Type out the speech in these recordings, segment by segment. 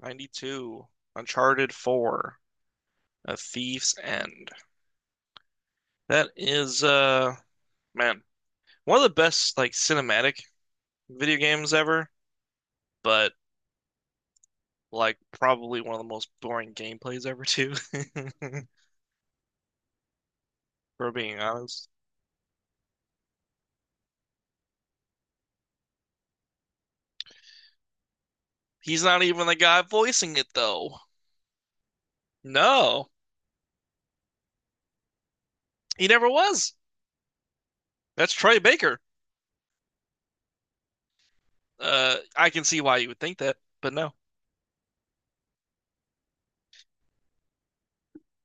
92, Uncharted 4, A Thief's End. That is, man, one of the best like cinematic video games ever, but like probably one of the most boring gameplays ever too, for being honest. He's not even the guy voicing it though. No, he never was. That's Troy Baker. I can see why you would think that, but no.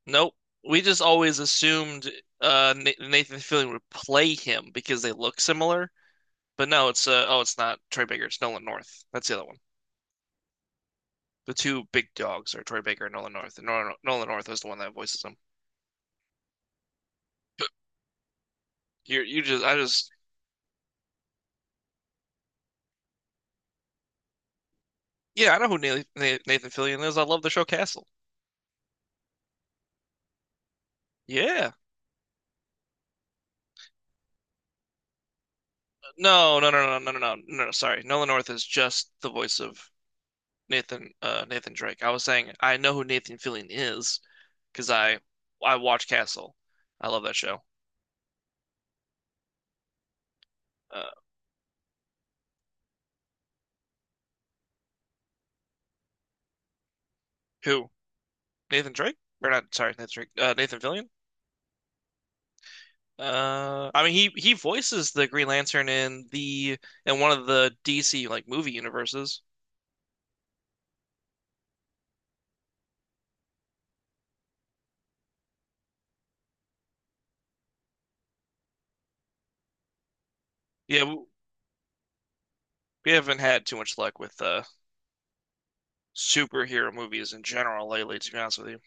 Nope. We just always assumed uh, Nathan Fillion would play him because they look similar, but no, it's uh oh, it's not Troy Baker. It's Nolan North. That's the other one. The two big dogs are Troy Baker and Nolan North. And Nolan, Nolan North is the one that voices him. You you just I just yeah, I know who Nathan, Nathan Fillion is. I love the show Castle. Yeah. No no no no no no no no. no, sorry, Nolan North is just the voice of Nathan Nathan Drake. I was saying I know who Nathan Fillion is because I watch Castle. I love that show. Uh, who, Nathan Drake or not? Sorry, Nathan Drake. Nathan Fillion. I mean he voices the Green Lantern in the in one of the DC like movie universes. Yeah, we haven't had too much luck with superhero movies in general lately, to be honest with you.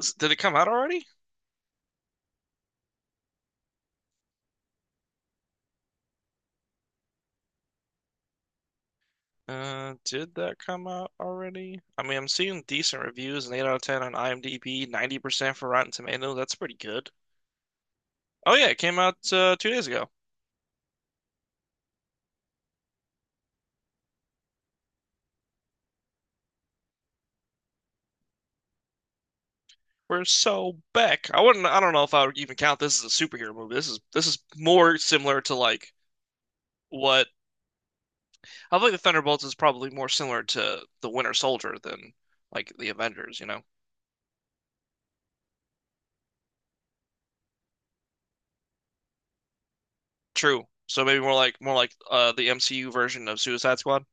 Did it come out already? Did that come out already? I mean, I'm seeing decent reviews, an 8 out of 10 on IMDb, 90% for Rotten Tomatoes. That's pretty good. Oh yeah, it came out 2 days ago. We're so back. I wouldn't. I don't know if I would even count this as a superhero movie. This is more similar to like what I think the Thunderbolts is probably more similar to the Winter Soldier than like the Avengers, you know? True. So maybe more like the MCU version of Suicide Squad.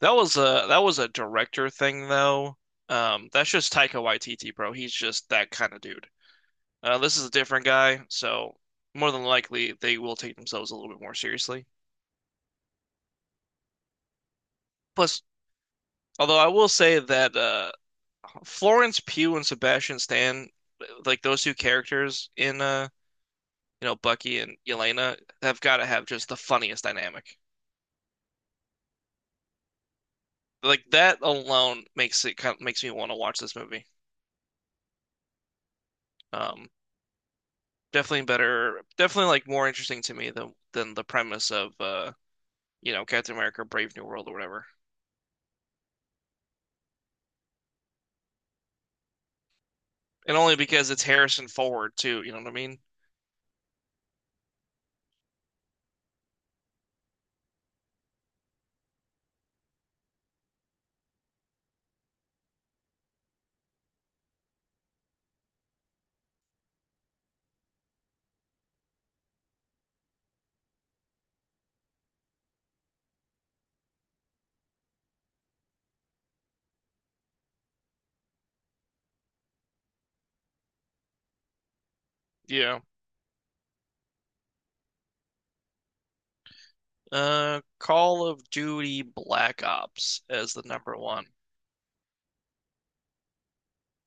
That was a director thing though. That's just Taika Waititi, bro. He's just that kind of dude. This is a different guy, so more than likely they will take themselves a little bit more seriously. Plus, although I will say that Florence Pugh and Sebastian Stan, like those two characters in you know, Bucky and Yelena have got to have just the funniest dynamic. Like that alone makes it kind of makes me want to watch this movie. Um, definitely better, definitely like more interesting to me than the premise of you know, Captain America: Brave New World or whatever. And only because it's Harrison Ford too, you know what I mean? Yeah. Call of Duty Black Ops as the number one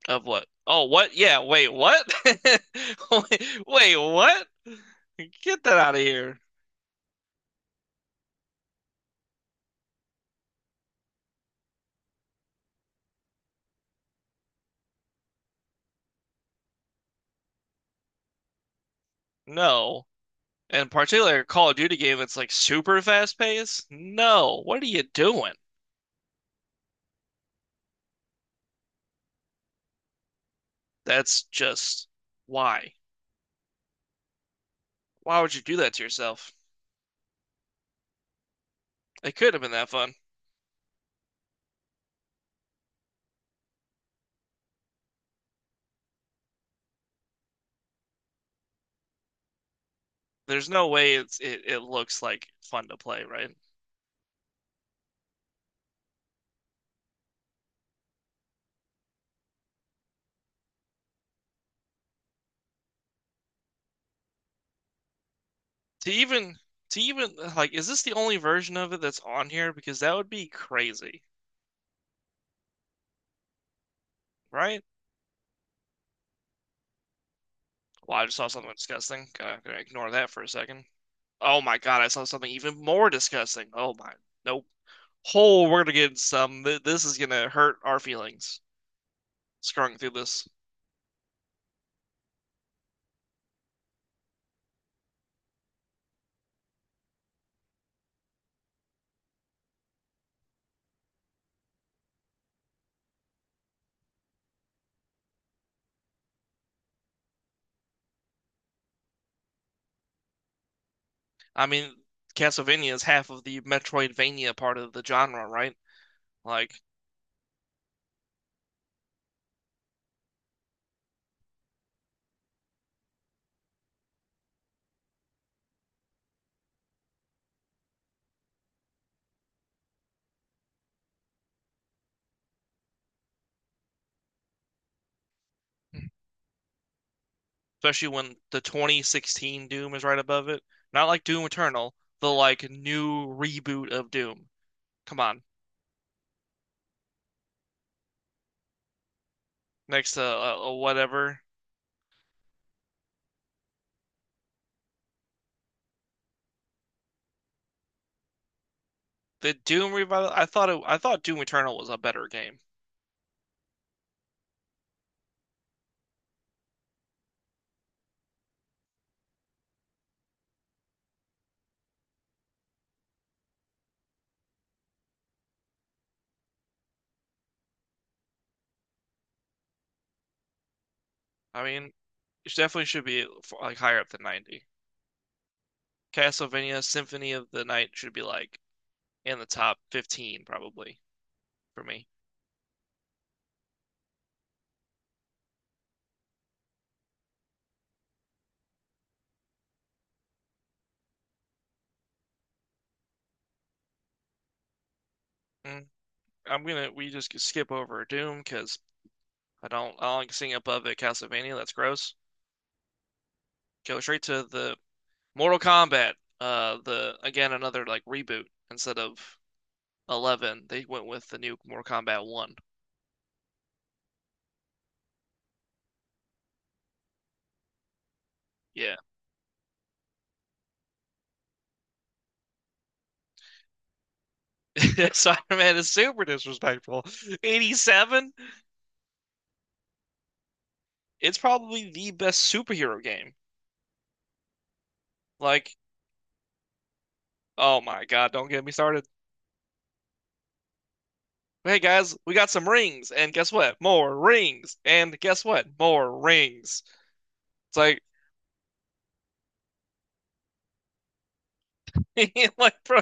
of what? Oh, what? Yeah, wait, what? Wait, wait, what? Get that out of here. No. And particularly a Call of Duty game that's like super fast paced. No, what are you doing? That's just why. Why would you do that to yourself? It could have been that fun. There's no way it's it looks like fun to play, right? To even to even like, is this the only version of it that's on here? Because that would be crazy, right? Well, I just saw something disgusting. Gotta ignore that for a second. Oh my God, I saw something even more disgusting. Oh my, nope. Oh, we're gonna get some. This is gonna hurt our feelings. Scrolling through this. I mean, Castlevania is half of the Metroidvania part of the genre, right? Like, especially when the 2016 Doom is right above it. Not like Doom Eternal, the like new reboot of Doom. Come on, next to whatever the Doom revival. I thought Doom Eternal was a better game. I mean, it definitely should be like higher up than 90. Castlevania Symphony of the Night should be like in the top 15 probably for me. Mm. I'm gonna we just skip over Doom because I don't like seeing above it Castlevania. That's gross. Go straight to the Mortal Kombat. The again another like reboot instead of 11. They went with the new Mortal Kombat 1. Yeah, Spider-Man is super disrespectful. 87. It's probably the best superhero game. Like, oh my God, don't get me started. Hey guys, we got some rings, and guess what? More rings, and guess what? More rings. It's like like, bro,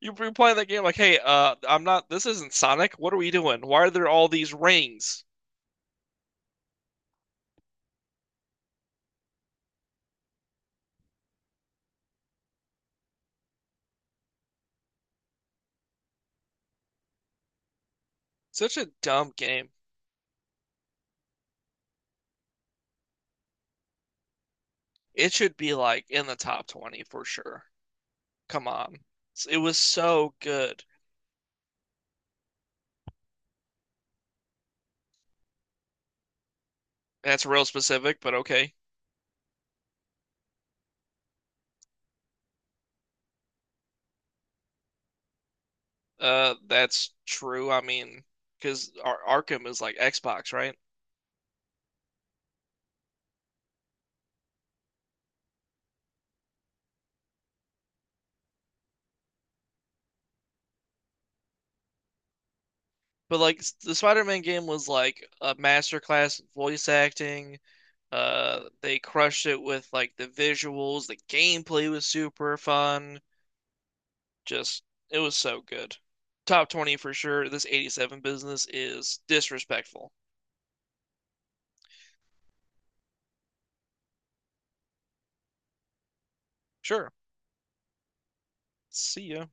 you be playing that game like, hey, I'm not. This isn't Sonic. What are we doing? Why are there all these rings? Such a dumb game. It should be like in the top 20 for sure. Come on. It was so good. That's real specific, but okay. That's true. I mean, because Ar Arkham is like Xbox, right? But like the Spider-Man game was like a masterclass in voice acting. They crushed it with like the visuals. The gameplay was super fun. Just it was so good. Top 20 for sure. This 87 business is disrespectful. Sure. See ya.